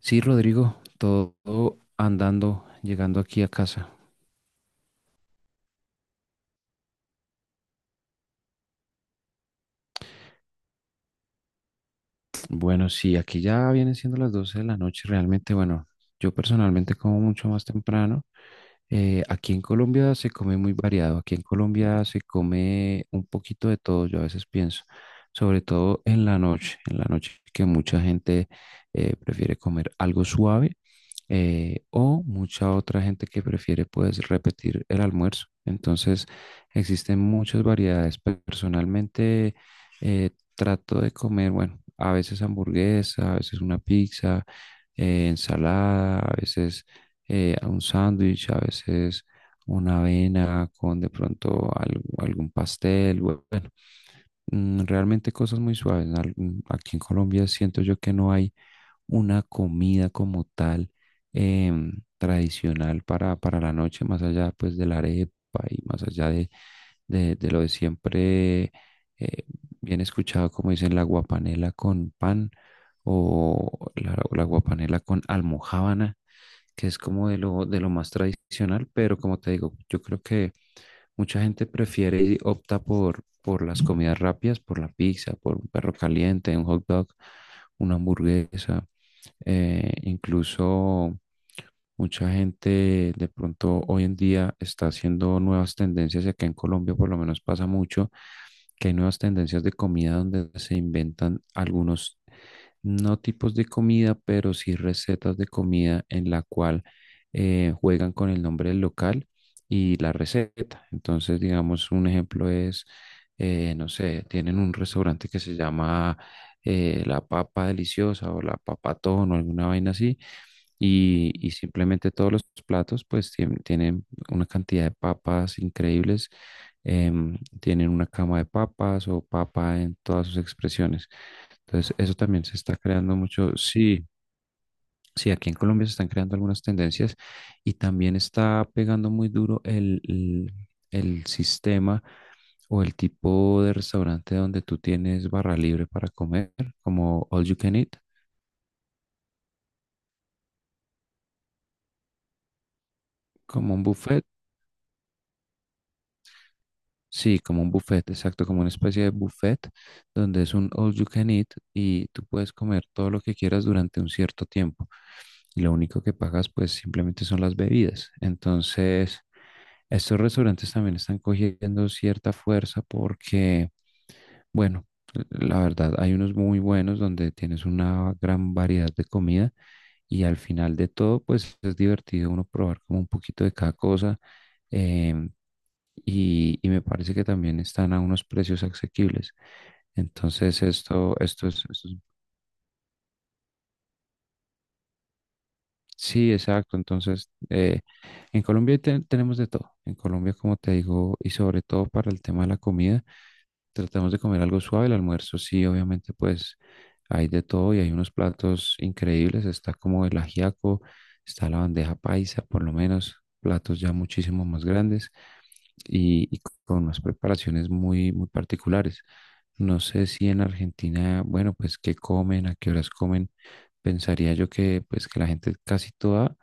Sí, Rodrigo, todo andando, llegando aquí a casa. Bueno, sí, aquí ya vienen siendo las 12 de la noche. Realmente, bueno, yo personalmente como mucho más temprano. Aquí en Colombia se come muy variado. Aquí en Colombia se come un poquito de todo, yo a veces pienso, sobre todo en la noche que mucha gente prefiere comer algo suave, o mucha otra gente que prefiere pues repetir el almuerzo. Entonces existen muchas variedades. Personalmente trato de comer, bueno, a veces hamburguesa, a veces una pizza, ensalada, a veces un sándwich, a veces una avena con de pronto algún pastel. Bueno, realmente cosas muy suaves. Aquí en Colombia siento yo que no hay una comida como tal, tradicional para, la noche, más allá pues de la arepa y más allá de, lo de siempre, eh, bien escuchado, como dicen, la guapanela con pan o la guapanela con almojábana, que es como de lo más tradicional, pero como te digo, yo creo que mucha gente prefiere y opta por las comidas rápidas, por la pizza, por un perro caliente, un hot dog, una hamburguesa, incluso. Mucha gente de pronto hoy en día está haciendo nuevas tendencias y acá en Colombia por lo menos pasa mucho que hay nuevas tendencias de comida donde se inventan algunos, no tipos de comida, pero sí recetas de comida en la cual juegan con el nombre del local y la receta. Entonces, digamos, un ejemplo es, no sé, tienen un restaurante que se llama, La Papa Deliciosa o La Papatón o alguna vaina así, y simplemente todos los platos pues tienen una cantidad de papas increíbles, tienen una cama de papas o papa en todas sus expresiones. Entonces eso también se está creando mucho. Sí, sí, aquí en Colombia se están creando algunas tendencias y también está pegando muy duro el sistema o el tipo de restaurante donde tú tienes barra libre para comer, como all you can eat, como un buffet. Sí, como un buffet, exacto, como una especie de buffet donde es un all you can eat y tú puedes comer todo lo que quieras durante un cierto tiempo. Y lo único que pagas pues simplemente son las bebidas. Entonces, estos restaurantes también están cogiendo cierta fuerza porque, bueno, la verdad, hay unos muy buenos donde tienes una gran variedad de comida y al final de todo pues es divertido uno probar como un poquito de cada cosa. em, y, y me parece que también están a unos precios asequibles. Entonces, sí, exacto. Entonces, en Colombia tenemos de todo. En Colombia, como te digo, y sobre todo para el tema de la comida, tratamos de comer algo suave. El almuerzo, sí, obviamente, pues hay de todo y hay unos platos increíbles. Está como el ajiaco, está la bandeja paisa, por lo menos, platos ya muchísimo más grandes, y con unas preparaciones muy, muy particulares. No sé si en Argentina, bueno, pues qué comen, a qué horas comen. Pensaría yo que pues que la gente casi toda,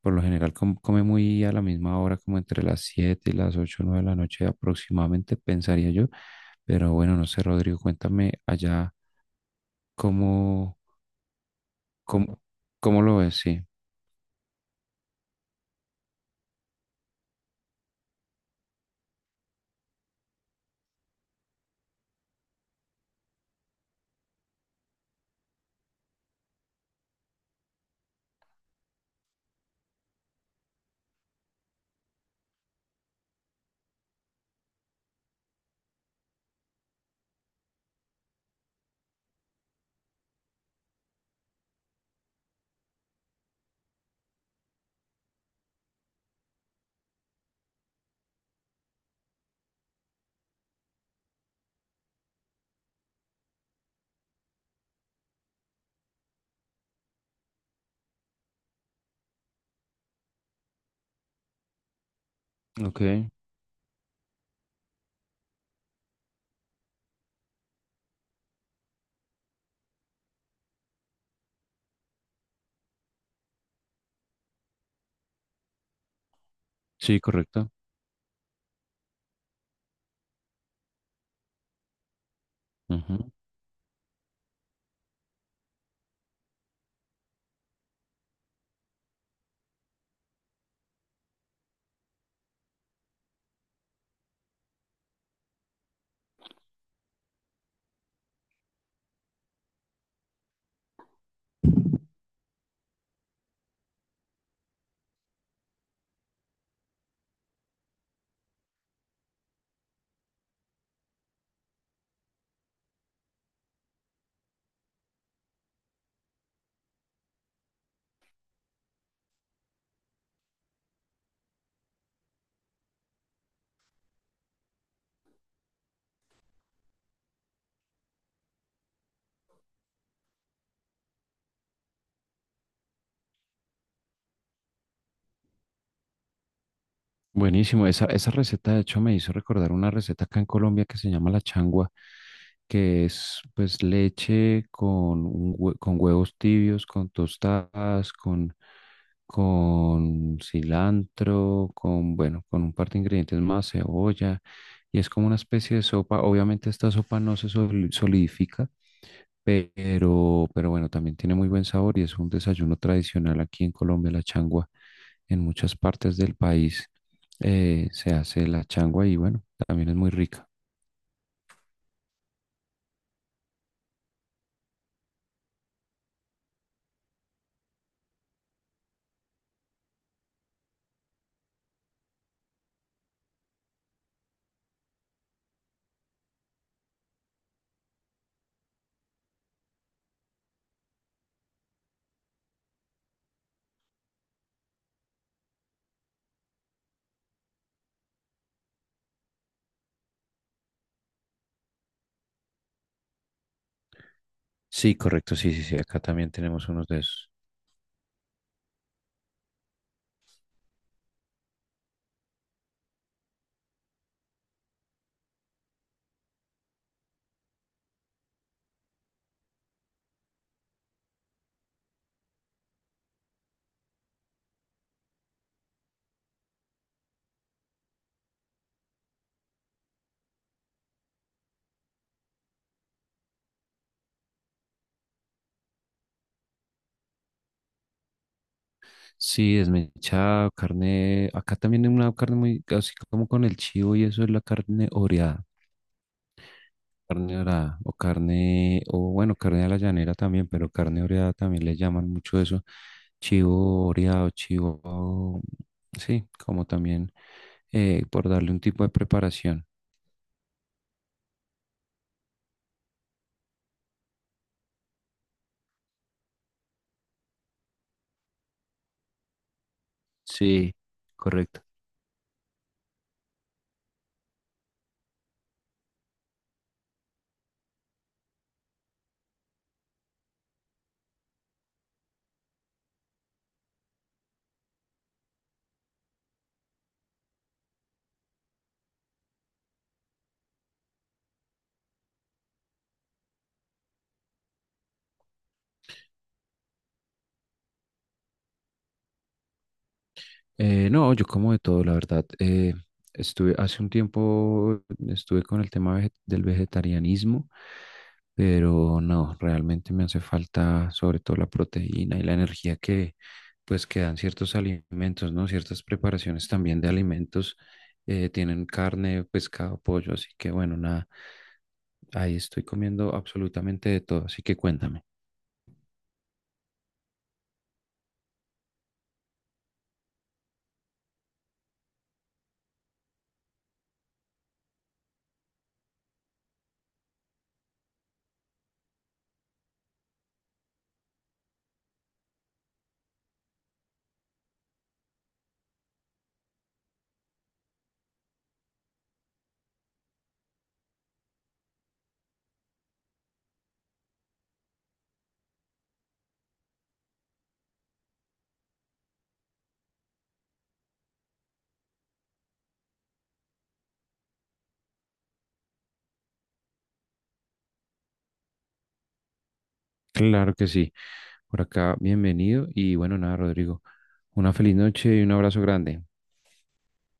por lo general, come muy a la misma hora, como entre las 7 y las 8 o 9 de la noche aproximadamente, pensaría yo. Pero bueno, no sé, Rodrigo, cuéntame allá cómo, cómo, cómo lo ves, sí. Ok, sí, correcto. Ujú. Buenísimo, esa receta de hecho me hizo recordar una receta acá en Colombia que se llama la changua, que es pues leche con, con huevos tibios, con tostadas, con cilantro, bueno, con un par de ingredientes más, cebolla, y es como una especie de sopa. Obviamente esta sopa no se solidifica, pero bueno, también tiene muy buen sabor y es un desayuno tradicional aquí en Colombia, la changua. En muchas partes del país se hace la changua y bueno, también es muy rica. Sí, correcto, sí, sí, sí, acá también tenemos unos de esos. Sí, desmechado, carne. Acá también hay una carne muy, así como con el chivo y eso es la carne oreada. Carne oreada o carne, o bueno, carne a la llanera también, pero carne oreada también le llaman mucho eso. Chivo oreado, chivo, sí, como también por darle un tipo de preparación. Sí, correcto. No, yo como de todo, la verdad. Estuve hace un tiempo, estuve con el tema del vegetarianismo, pero no, realmente me hace falta sobre todo la proteína y la energía que pues que dan ciertos alimentos, ¿no? Ciertas preparaciones también de alimentos tienen carne, pescado, pollo, así que bueno, nada, ahí estoy comiendo absolutamente de todo, así que cuéntame. Claro que sí, por acá. Bienvenido y bueno, nada, Rodrigo. Una feliz noche y un abrazo grande.